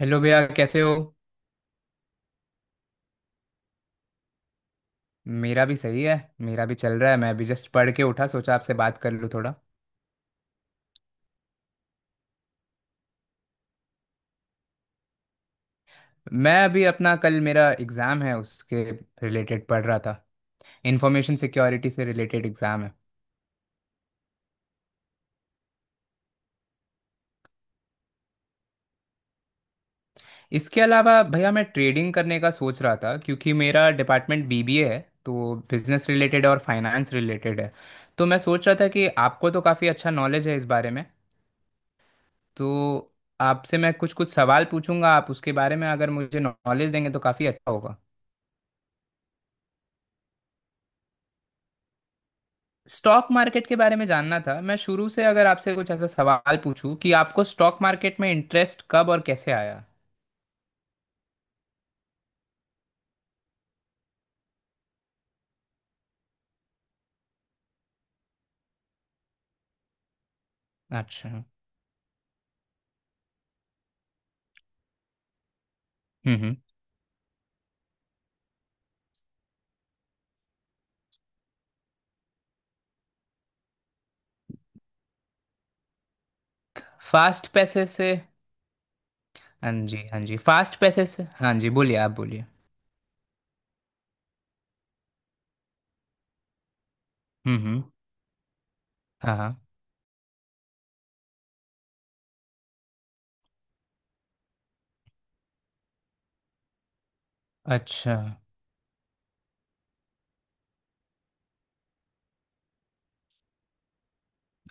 Hello भैया, कैसे हो। मेरा भी सही है, मेरा भी चल रहा है। मैं अभी जस्ट पढ़ के उठा, सोचा आपसे बात कर लूँ थोड़ा। मैं अभी अपना कल मेरा एग्ज़ाम है, उसके रिलेटेड पढ़ रहा था। इंफॉर्मेशन सिक्योरिटी से रिलेटेड एग्ज़ाम है। इसके अलावा भैया, मैं ट्रेडिंग करने का सोच रहा था क्योंकि मेरा डिपार्टमेंट BBA है। तो बिजनेस रिलेटेड और फाइनेंस रिलेटेड है। तो मैं सोच रहा था कि आपको तो काफ़ी अच्छा नॉलेज है इस बारे में। तो आपसे मैं कुछ कुछ सवाल पूछूंगा, आप उसके बारे में अगर मुझे नॉलेज देंगे तो काफ़ी अच्छा होगा। स्टॉक मार्केट के बारे में जानना था। मैं शुरू से अगर आपसे कुछ ऐसा सवाल पूछूं कि आपको स्टॉक मार्केट में इंटरेस्ट कब और कैसे आया। अच्छा। हम्म। फास्ट पैसे से। हाँ जी, हाँ जी, फास्ट पैसे से। हाँ जी, बोलिए, आप बोलिए। हम्म। हाँ हाँ। अच्छा।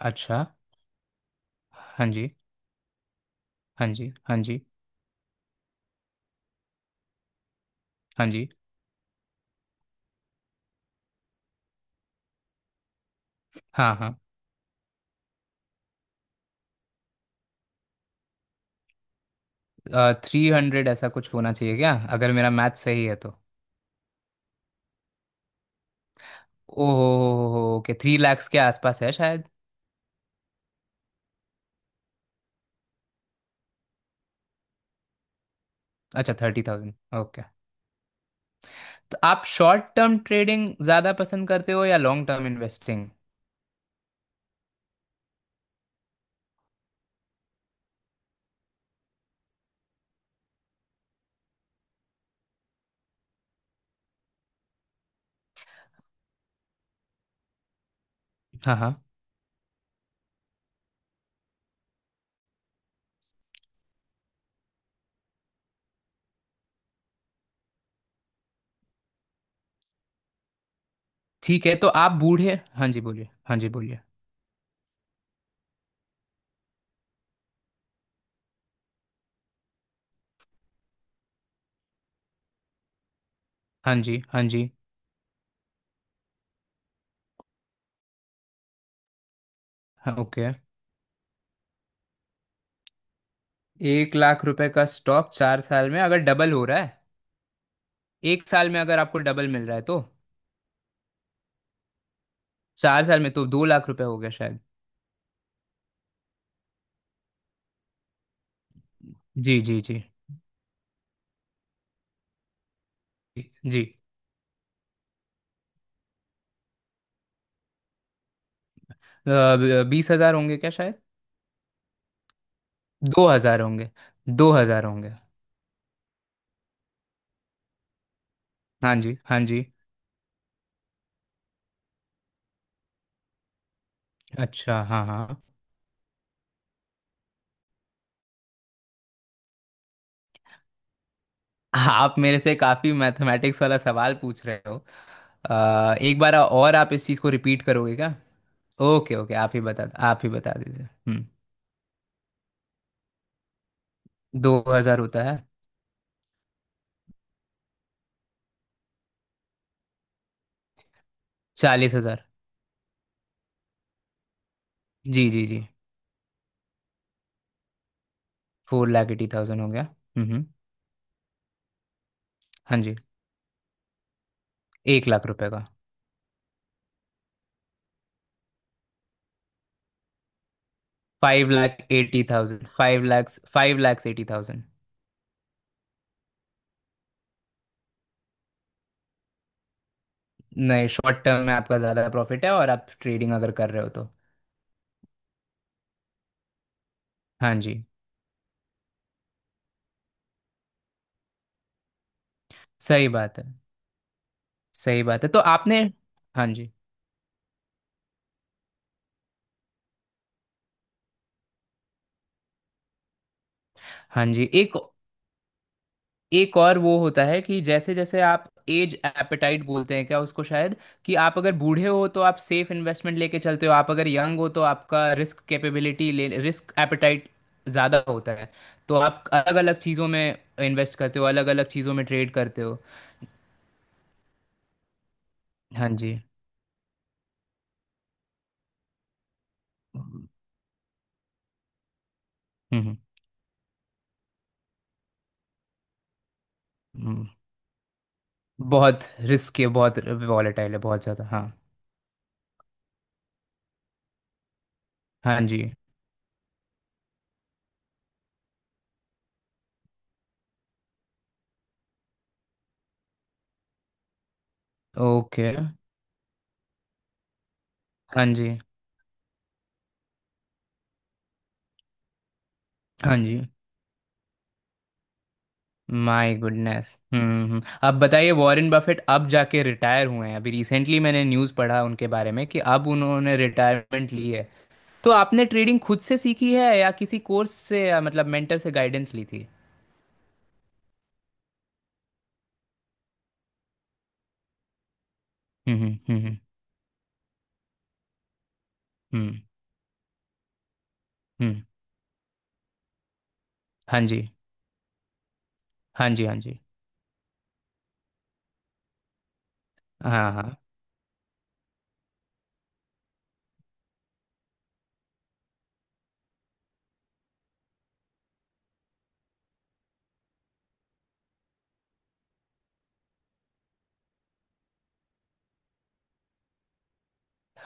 अच्छा। हाँ जी, हाँ जी। हाँ जी, हाँ जी। हाँ हाँ। 300 ऐसा कुछ होना चाहिए क्या, अगर मेरा मैथ सही है तो। ओह। ओके, 3 lakhs के आसपास है शायद। अच्छा, 30,000। ओके। तो आप शॉर्ट टर्म ट्रेडिंग ज्यादा पसंद करते हो या लॉन्ग टर्म इन्वेस्टिंग? हाँ हाँ। ठीक है। तो आप बूढ़े। हाँ जी बोलिए, हाँ जी बोलिए। हाँ जी, हाँ जी। हाँ। ओके। 1 लाख रुपए का स्टॉक 4 साल में अगर डबल हो रहा है, एक साल में अगर आपको डबल मिल रहा है तो। चार साल में तो 2 लाख रुपए हो गया शायद। जी जी जी। जी जी। 20,000 होंगे क्या शायद। 2,000 होंगे। 2,000 होंगे। हाँ जी, हाँ जी। अच्छा। हाँ हाँ। आप मेरे से काफी मैथमेटिक्स वाला सवाल पूछ रहे हो। एक बार और आप इस चीज़ को रिपीट करोगे क्या। ओके ओके, आप ही बता दीजिए। हम्म। 2,000 होता है। 40,000। जी जी जी। 4,80,000 हो गया। हम्म। हाँ जी। 1 लाख रुपए का। 5,80,000, 5 lakhs, 5,80,000। नहीं, शॉर्ट टर्म में आपका ज़्यादा प्रॉफिट है और आप ट्रेडिंग अगर कर रहे हो तो। हाँ जी। सही बात है, सही बात है। तो आपने। हाँ जी, हाँ जी। एक एक और वो होता है कि जैसे जैसे आप एज एपेटाइट बोलते हैं क्या उसको, शायद। कि आप अगर बूढ़े हो तो आप सेफ इन्वेस्टमेंट लेके चलते हो, आप अगर यंग हो तो आपका रिस्क कैपेबिलिटी ले रिस्क एपेटाइट ज़्यादा होता है। तो आप अलग अलग चीज़ों में इन्वेस्ट करते हो, अलग अलग चीज़ों में ट्रेड करते हो। हाँ जी। हम्म हम्म, हम्म। बहुत। रिस्क है बहुत। वॉलेटाइल है बहुत ज़्यादा, हाँ। हाँ जी। ओके। हाँ जी, हाँ जी। My goodness. अब बताइए, वॉरेन बफेट अब जाके रिटायर हुए हैं अभी रिसेंटली, मैंने न्यूज़ पढ़ा उनके बारे में कि अब उन्होंने रिटायरमेंट ली है। तो आपने ट्रेडिंग खुद से सीखी है या किसी कोर्स से या मतलब मेंटर से गाइडेंस ली थी। हम्म। हम्म हम्म। हम्म। हाँ जी, हाँ जी, हाँ जी। हाँ हाँ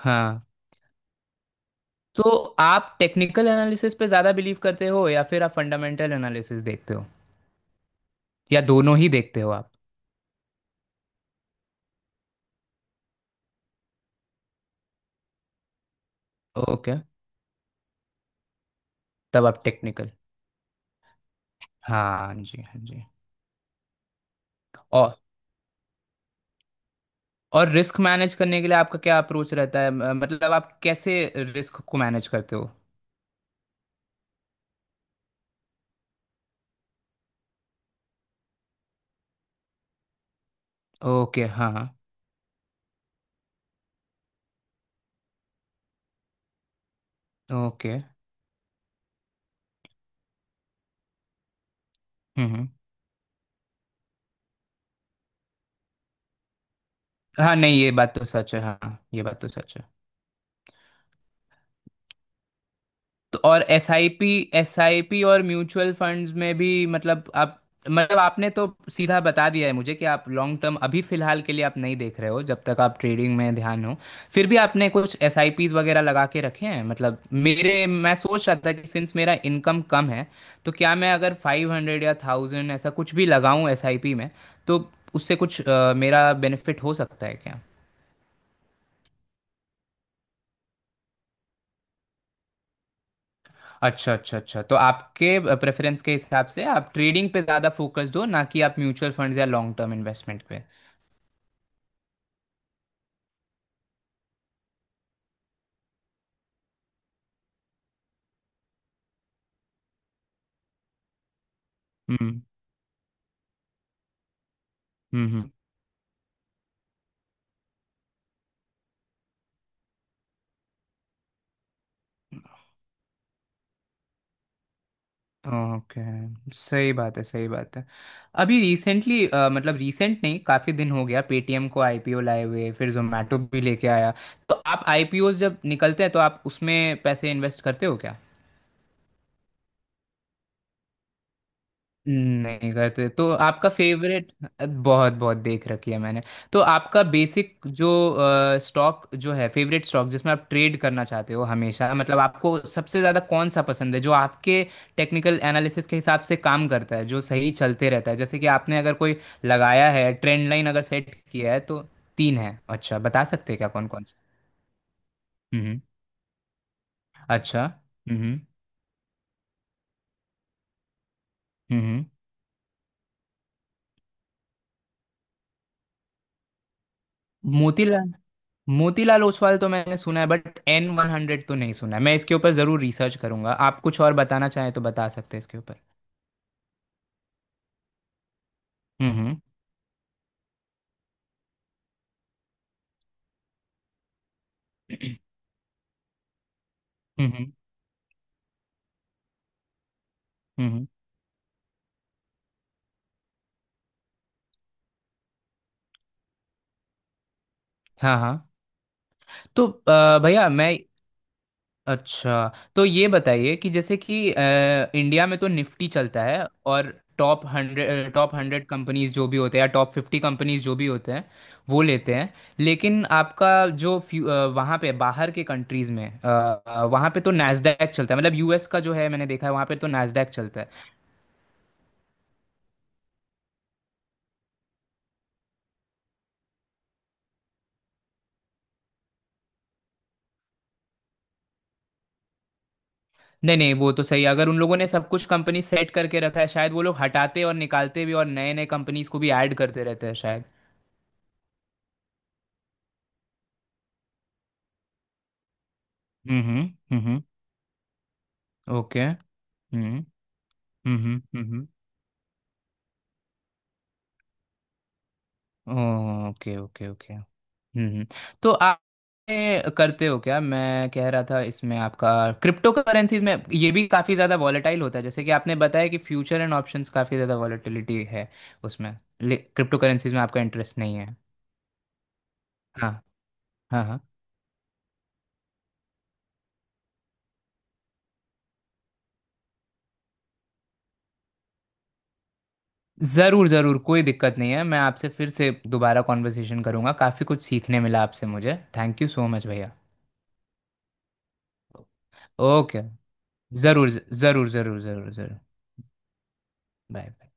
हाँ। तो आप टेक्निकल एनालिसिस पे ज़्यादा बिलीव करते हो या फिर आप फंडामेंटल एनालिसिस देखते हो, या दोनों ही देखते हो आप? ओके, तब आप टेक्निकल। हाँ जी, हाँ जी। और रिस्क मैनेज करने के लिए आपका क्या अप्रोच रहता है, मतलब आप कैसे रिस्क को मैनेज करते हो। ओके। हाँ हाँ। ओके। हम्म हम्म। हाँ, नहीं ये बात तो सच है, हाँ ये बात तो सच है। तो और SIP। SIP और म्यूचुअल फंड्स में भी, मतलब आप, मतलब आपने तो सीधा बता दिया है मुझे कि आप लॉन्ग टर्म अभी फिलहाल के लिए आप नहीं देख रहे हो जब तक आप ट्रेडिंग में ध्यान हो। फिर भी आपने कुछ SIPs वगैरह लगा के रखे हैं, मतलब। मेरे मैं सोच रहा था कि सिंस मेरा इनकम कम है तो क्या मैं अगर 500 या 1,000 ऐसा कुछ भी लगाऊं SIP में तो उससे कुछ मेरा बेनिफिट हो सकता है क्या। अच्छा अच्छा अच्छा, तो आपके प्रेफरेंस के हिसाब से आप ट्रेडिंग पे ज़्यादा फोकस दो ना कि आप म्यूचुअल फंड्स या लॉन्ग टर्म इन्वेस्टमेंट पे। हम्म हम्म। ओके, सही बात है, सही बात है। अभी रिसेंटली, मतलब रिसेंट नहीं, काफ़ी दिन हो गया पेटीएम को IPO लाए हुए, फिर जोमेटो भी लेके आया। तो आप IPO जब निकलते हैं तो आप उसमें पैसे इन्वेस्ट करते हो क्या। नहीं करते तो आपका फेवरेट। बहुत बहुत देख रखी है मैंने। तो आपका बेसिक जो स्टॉक जो है, फेवरेट स्टॉक जिसमें आप ट्रेड करना चाहते हो हमेशा, मतलब आपको सबसे ज़्यादा कौन सा पसंद है जो आपके टेक्निकल एनालिसिस के हिसाब से काम करता है, जो सही चलते रहता है, जैसे कि आपने अगर कोई लगाया है ट्रेंड लाइन अगर सेट किया है तो। तीन है, अच्छा बता सकते हैं क्या कौन कौन सा। हम्म हम्म। अच्छा। हम्म हम्म हम्म। मोतीलाल, मोतीलाल ओसवाल तो मैंने सुना है बट N100 तो नहीं सुना है, मैं इसके ऊपर ज़रूर रिसर्च करूंगा, आप कुछ और बताना चाहें तो बता सकते हैं इसके ऊपर। हम्म हम्म हम्म। हम्म, हम्म। हाँ हाँ। तो भैया मैं, अच्छा तो ये बताइए कि जैसे कि इंडिया में तो निफ्टी चलता है और टॉप 100, टॉप 100 कंपनीज जो भी होते हैं, या टॉप 50 कंपनीज जो भी होते हैं वो लेते हैं। लेकिन आपका जो वहाँ पे बाहर के कंट्रीज में वहाँ पे तो नैस्डैक चलता है, मतलब US का जो है, मैंने देखा है वहाँ पे तो नैस्डैक चलता है। नहीं नहीं, वो तो सही है, अगर उन लोगों ने सब कुछ कंपनी सेट करके रखा है शायद, वो लोग हटाते और निकालते भी और नए नए कंपनीज को भी ऐड करते रहते हैं शायद। हम्म। ओके, हम्म, okay। हम्म हम्म। Okay okay okay. हम्म हम्म। तो आप ये करते हो क्या, मैं कह रहा था इसमें आपका। क्रिप्टो करेंसीज में ये भी काफ़ी ज़्यादा वॉलेटाइल होता है जैसे कि आपने बताया कि फ्यूचर एंड ऑप्शंस काफ़ी ज़्यादा वॉलेटिलिटी है उसमें। क्रिप्टो करेंसीज में आपका इंटरेस्ट नहीं है। हाँ। हाँ हाँ। ज़रूर ज़रूर, कोई दिक्कत नहीं है, मैं आपसे फिर से दोबारा कॉन्वर्सेशन करूँगा, काफ़ी कुछ सीखने मिला आपसे मुझे, थैंक यू सो मच भैया। ओके। ज़रूर ज़रूर ज़रूर ज़रूर ज़रूर। Bye bye.